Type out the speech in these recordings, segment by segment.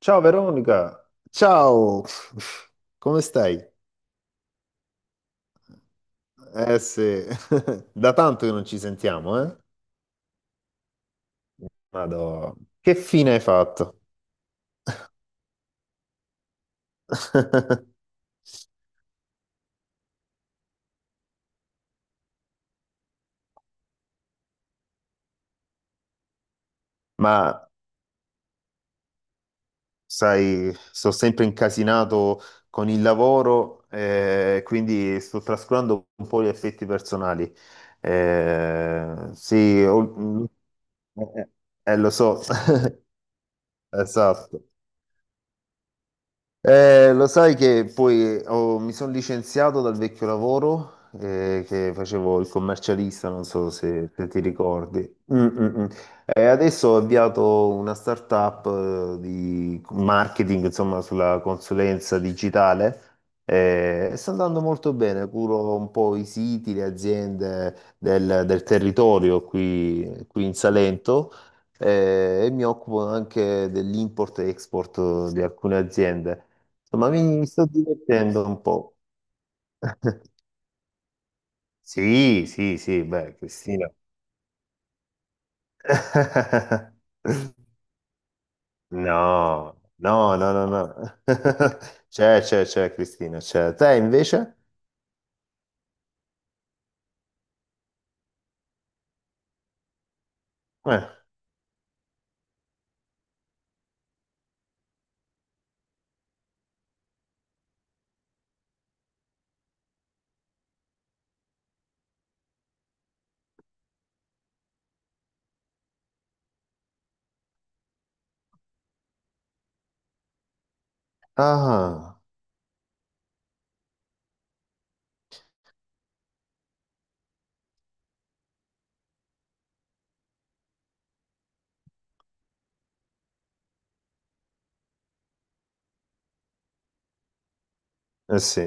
Ciao Veronica, ciao, come stai? Eh sì, da tanto che non ci sentiamo, eh? Madò, che fine hai fatto? Ma sai, sto sempre incasinato con il lavoro, quindi sto trascurando un po' gli effetti personali. Sì, eh, lo so, esatto. Lo sai che poi mi sono licenziato dal vecchio lavoro che facevo il commercialista, non so se ti ricordi. Mm, mm, mm. E adesso ho avviato una startup di marketing, insomma, sulla consulenza digitale e sta andando molto bene. Curo un po' i siti, le aziende del territorio qui in Salento. E mi occupo anche dell'import e export di alcune aziende. Insomma, mi sto divertendo un po'. Sì, sì, sì, beh, Cristina. No, no, no, no, no. C'è, Cristina, c'è. Te invece? Eh, Ah, eh sì,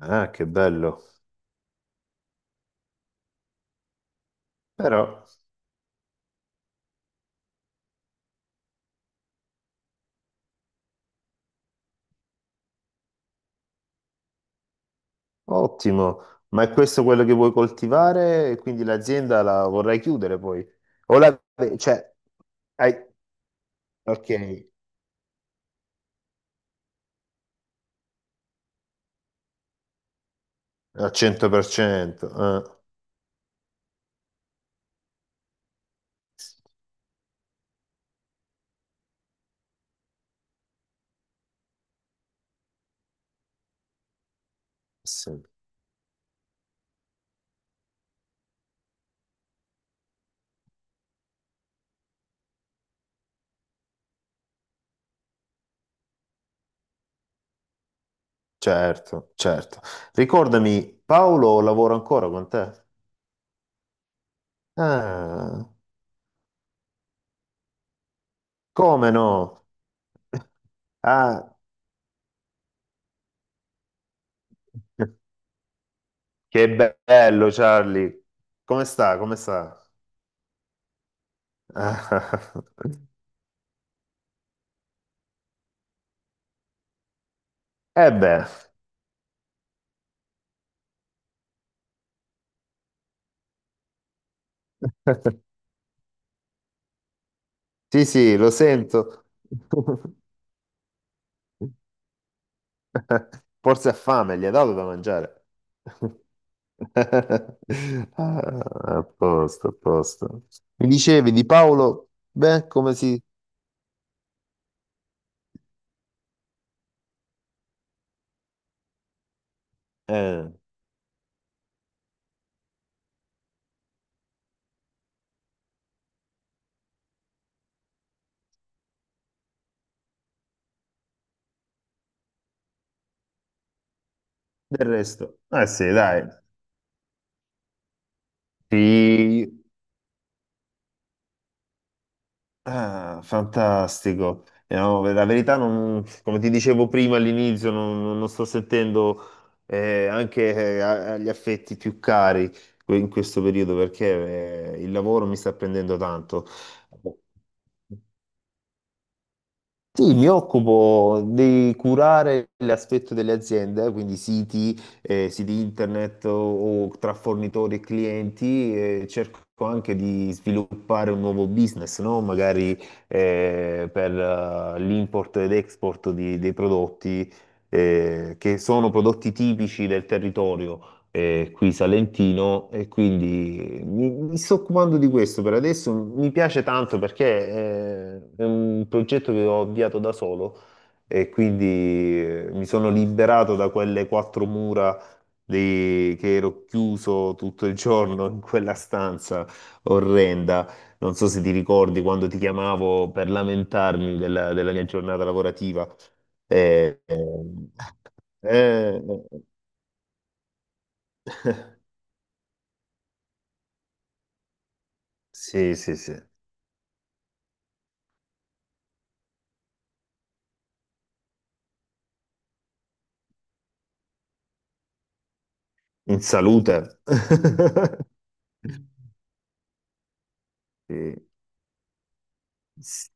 ah, che bello. Però, ottimo. Ma è questo quello che vuoi coltivare? E quindi l'azienda la vorrai chiudere poi? O la... cioè, hai... ok, al 100%. Sì. Certo, certo. Ricordami, Paolo lavora ancora con te? Ah, come no? Ah, che bello, Charlie. Come sta? Come sta? Ah, Eh beh, sì, sì, lo sento. Forse ha fame, gli ha dato da mangiare. Ah, a posto, a posto. Mi dicevi di Paolo? Beh, Eh. Del resto, eh sì, dai. Sì. Ah, fantastico. No, la verità, come ti dicevo prima all'inizio, non sto sentendo anche agli affetti più cari in questo periodo perché il lavoro mi sta prendendo tanto. Sì, mi occupo di curare l'aspetto delle aziende, quindi siti, siti internet o tra fornitori e clienti, e cerco anche di sviluppare un nuovo business, no? Magari per l'import ed export dei prodotti che sono prodotti tipici del territorio qui salentino e quindi mi sto occupando di questo per adesso. Mi piace tanto perché è un progetto che ho avviato da solo e quindi mi sono liberato da quelle quattro mura che ero chiuso tutto il giorno in quella stanza orrenda. Non so se ti ricordi quando ti chiamavo per lamentarmi della mia giornata lavorativa. Eh, eh, eh, sì, sì, sì. In salute. Sì.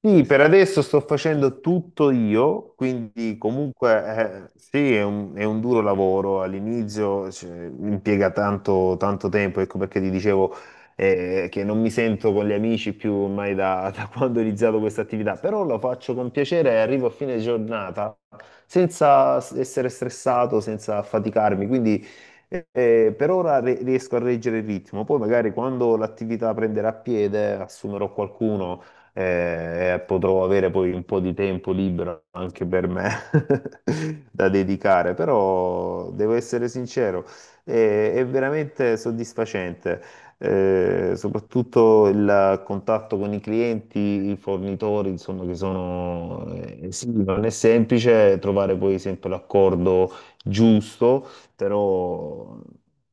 Sì, per adesso sto facendo tutto io, quindi comunque sì, è un duro lavoro. All'inizio cioè, impiega tanto, tanto tempo, ecco perché ti dicevo che non mi sento con gli amici più ormai da, da quando ho iniziato questa attività, però lo faccio con piacere e arrivo a fine giornata senza essere stressato, senza affaticarmi, quindi per ora riesco a reggere il ritmo, poi magari quando l'attività prenderà piede assumerò qualcuno e potrò avere poi un po' di tempo libero anche per me da dedicare, però devo essere sincero, è veramente soddisfacente. Soprattutto il contatto con i clienti, i fornitori, insomma, che sono, sì, non è semplice trovare poi sempre l'accordo giusto, però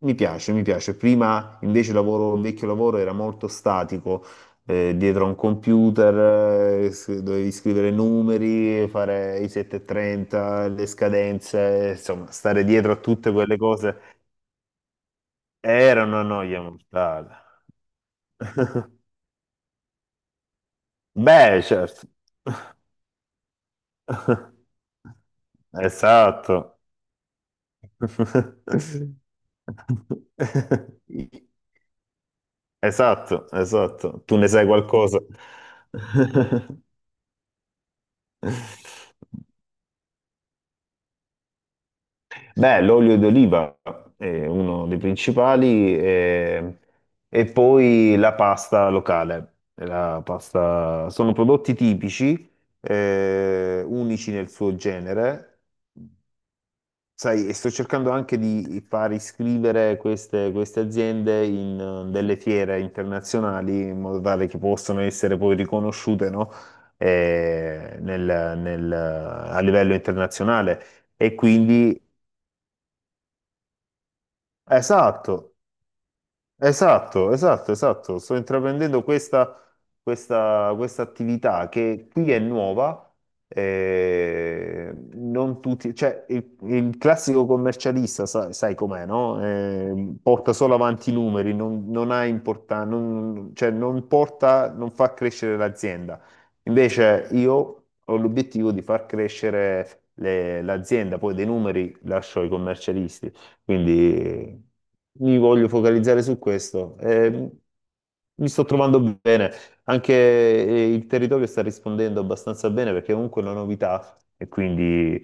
mi piace, mi piace. Prima invece il lavoro, il vecchio lavoro era molto statico, dietro a un computer, dovevi scrivere numeri, fare i 730, le scadenze, insomma, stare dietro a tutte quelle cose era una noia mortale. Beh, certo. Esatto. Esatto, esatto. Tu ne sai qualcosa. Beh, l'olio d'oliva è uno dei principali e, poi la pasta locale. Sono prodotti tipici, unici nel suo genere. Sai, e sto cercando anche di far iscrivere queste aziende in delle fiere internazionali in modo tale che possano essere poi riconosciute, no? A livello internazionale. E quindi, esatto. Esatto, esatto, esatto. Sto intraprendendo questa attività che qui è nuova. Non tutti, cioè, il classico commercialista, sai com'è, no? Porta solo avanti i numeri, non ha non, cioè, non porta, non fa crescere l'azienda. Invece io ho l'obiettivo di far crescere l'azienda, poi dei numeri lascio ai commercialisti. Quindi mi voglio focalizzare su questo. Mi sto trovando bene, anche il territorio sta rispondendo abbastanza bene perché è comunque è una novità e quindi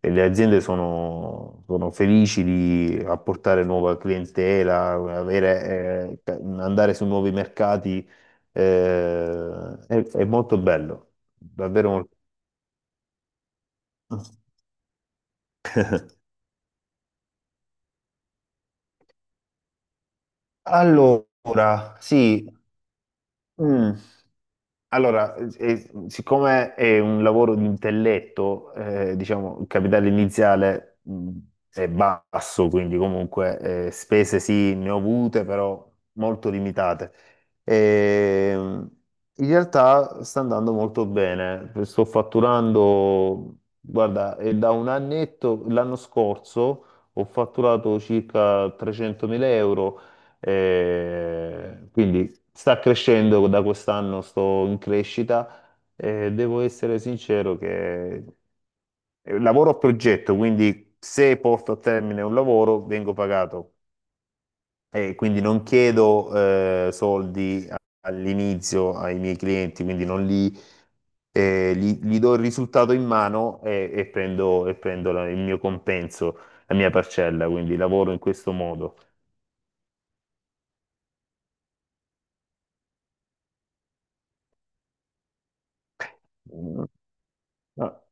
le aziende sono felici di apportare nuova clientela, avere, andare su nuovi mercati. È molto bello, davvero molto. Allora, sì. Mm. Allora, siccome è un lavoro di intelletto, diciamo, il capitale iniziale è basso, quindi comunque spese sì, ne ho avute, però molto limitate. Ehm, in realtà sta andando molto bene, sto fatturando, guarda, è da un annetto, l'anno scorso ho fatturato circa 300.000 euro quindi sta crescendo da quest'anno, sto in crescita e devo essere sincero che lavoro a progetto, quindi se porto a termine un lavoro vengo pagato e quindi non chiedo soldi all'inizio ai miei clienti, quindi non li, gli do il risultato in mano e prendo il mio compenso, la mia parcella, quindi lavoro in questo modo. Mm. Ah,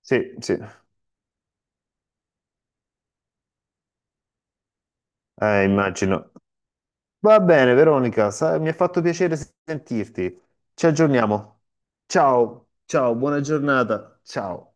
sì, sì, immagino. Va bene, Veronica, mi ha fatto piacere sentirti. Ci aggiorniamo. Ciao, ciao, buona giornata. Ciao.